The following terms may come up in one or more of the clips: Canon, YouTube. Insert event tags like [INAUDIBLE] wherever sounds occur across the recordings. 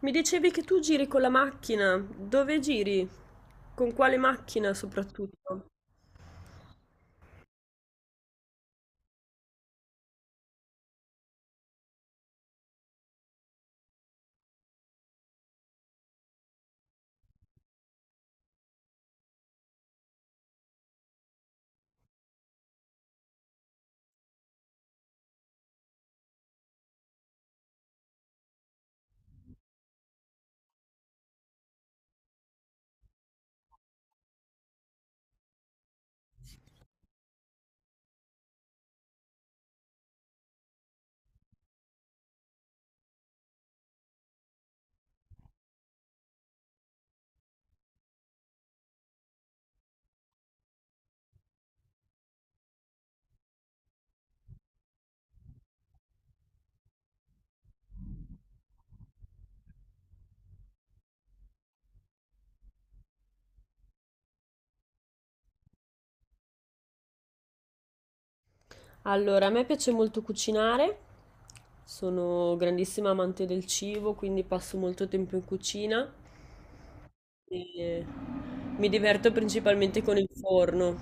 Mi dicevi che tu giri con la macchina. Dove giri? Con quale macchina soprattutto? Allora, a me piace molto cucinare. Sono grandissima amante del cibo, quindi passo molto tempo in cucina e mi diverto principalmente con il forno.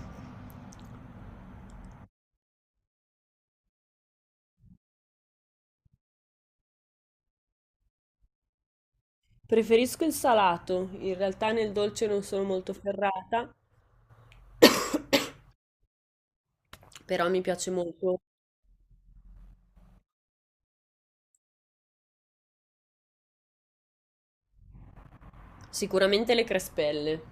Preferisco il salato, in realtà nel dolce non sono molto ferrata, [COUGHS] però mi piace molto. Sicuramente le crespelle.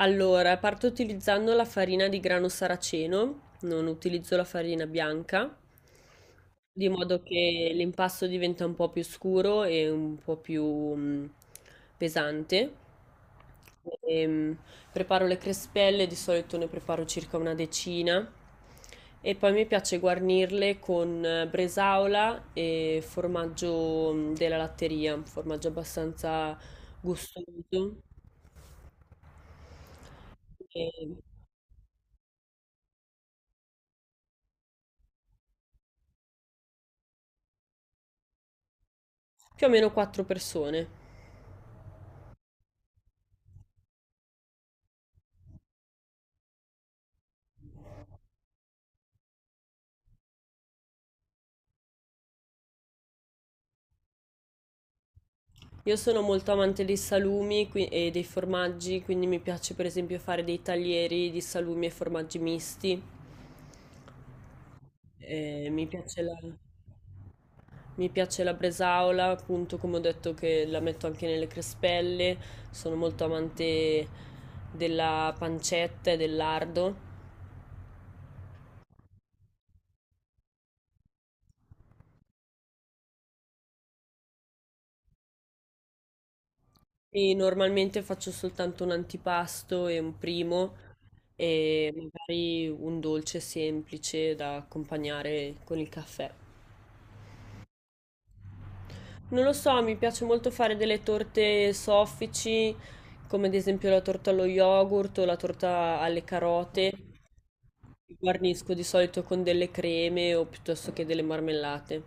Allora, parto utilizzando la farina di grano saraceno, non utilizzo la farina bianca, di modo che l'impasto diventa un po' più scuro e un po' più pesante. Ehm, preparo le crespelle, di solito ne preparo circa una decina e poi mi piace guarnirle con bresaola e formaggio della latteria, un formaggio abbastanza gustoso, ehm, più o meno 4 persone. Io sono molto amante dei salumi e dei formaggi, quindi mi piace per esempio fare dei taglieri di salumi e formaggi misti. Eh, mi piace la, mi piace la bresaola, appunto come ho detto che la metto anche nelle crespelle. Sono molto amante della pancetta e del lardo. E normalmente faccio soltanto un antipasto e un primo e magari un dolce semplice da accompagnare con il caffè. Non lo so, mi piace molto fare delle torte soffici, come ad esempio la torta allo yogurt o la torta alle carote. Guarnisco di solito con delle creme o piuttosto che delle marmellate.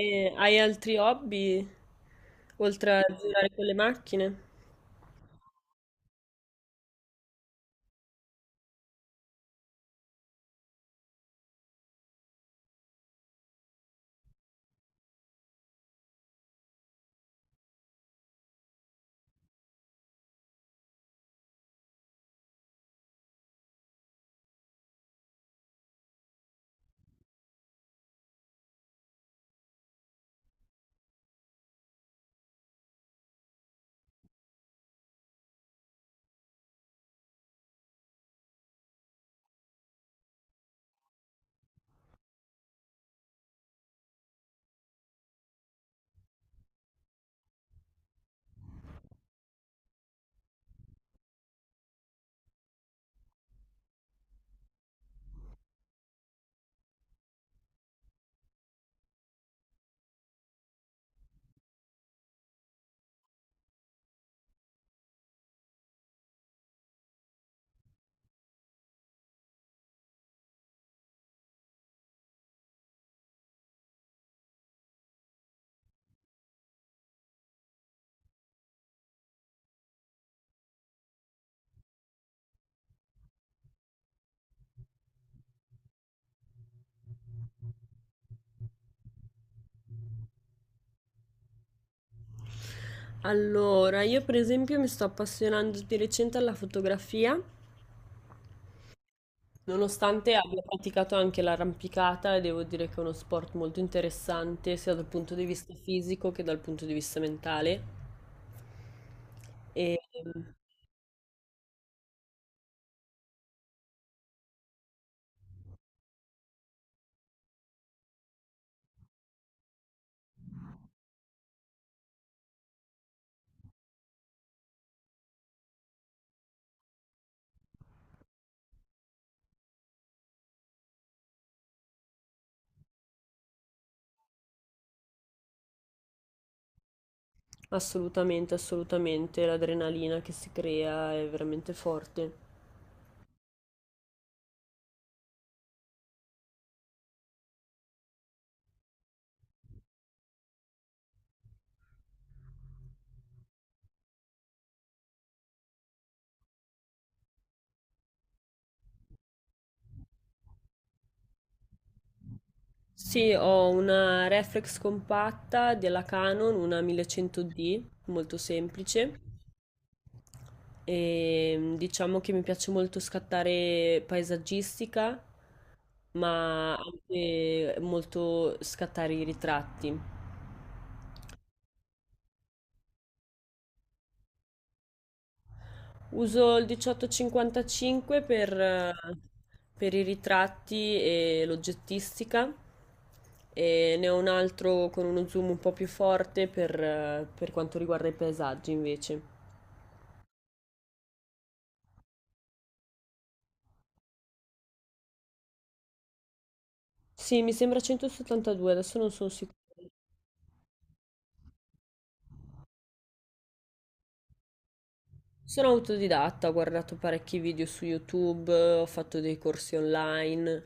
E hai altri hobby oltre a girare con le macchine? Allora, io per esempio mi sto appassionando di recente alla fotografia. Nonostante abbia praticato anche l'arrampicata, devo dire che è uno sport molto interessante sia dal punto di vista fisico che dal punto di vista mentale. E ehm, assolutamente, assolutamente l'adrenalina che si crea è veramente forte. Sì, ho una reflex compatta della Canon, una 1100D, molto semplice. E diciamo che mi piace molto scattare paesaggistica, ma anche molto scattare i ritratti. Uso il 1855 per i ritratti e l'oggettistica e ne ho un altro con uno zoom un po' più forte per quanto riguarda i paesaggi invece. Sì, mi sembra 172, adesso non sono sicura. Sono autodidatta, ho guardato parecchi video su YouTube, ho fatto dei corsi online.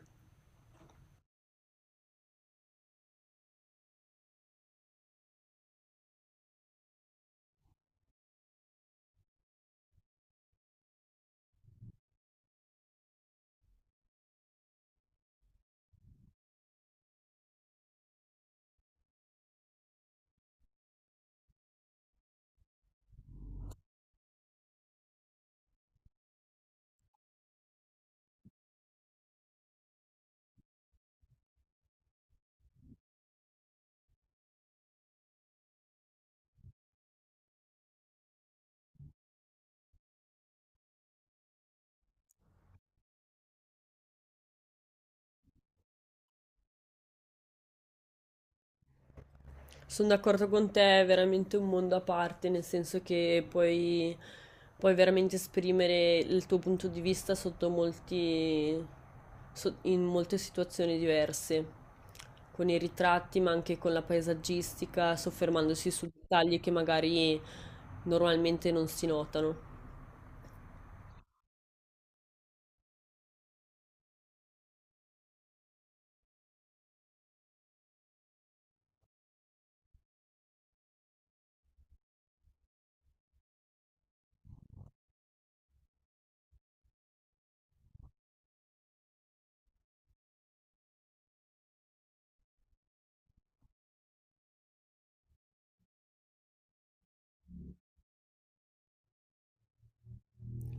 Sono d'accordo con te, è veramente un mondo a parte, nel senso che puoi, puoi veramente esprimere il tuo punto di vista sotto molti, in molte situazioni diverse, con i ritratti, ma anche con la paesaggistica, soffermandosi su dettagli che magari normalmente non si notano.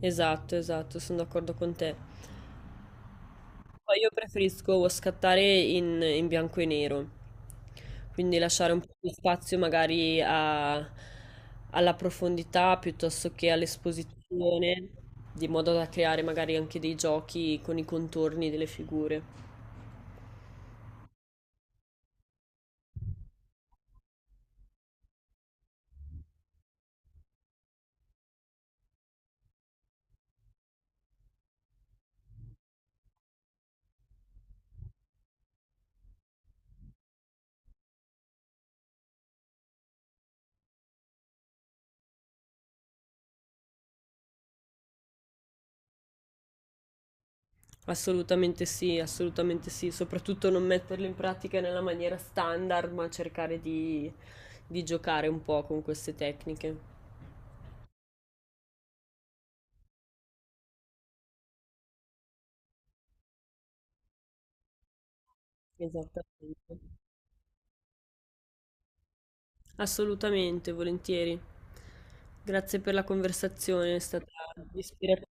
Esatto, esatto, sono d'accordo con te. Poi io preferisco scattare in, in bianco e nero, quindi lasciare un po' di spazio magari alla profondità piuttosto che all'esposizione, di modo da creare magari anche dei giochi con i contorni delle figure. Assolutamente sì, soprattutto non metterlo in pratica nella maniera standard, ma cercare di, giocare un po' con queste tecniche. Esattamente. Assolutamente, volentieri. Grazie per la conversazione, è stata ispirativa,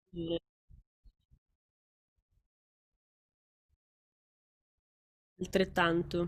altrettanto.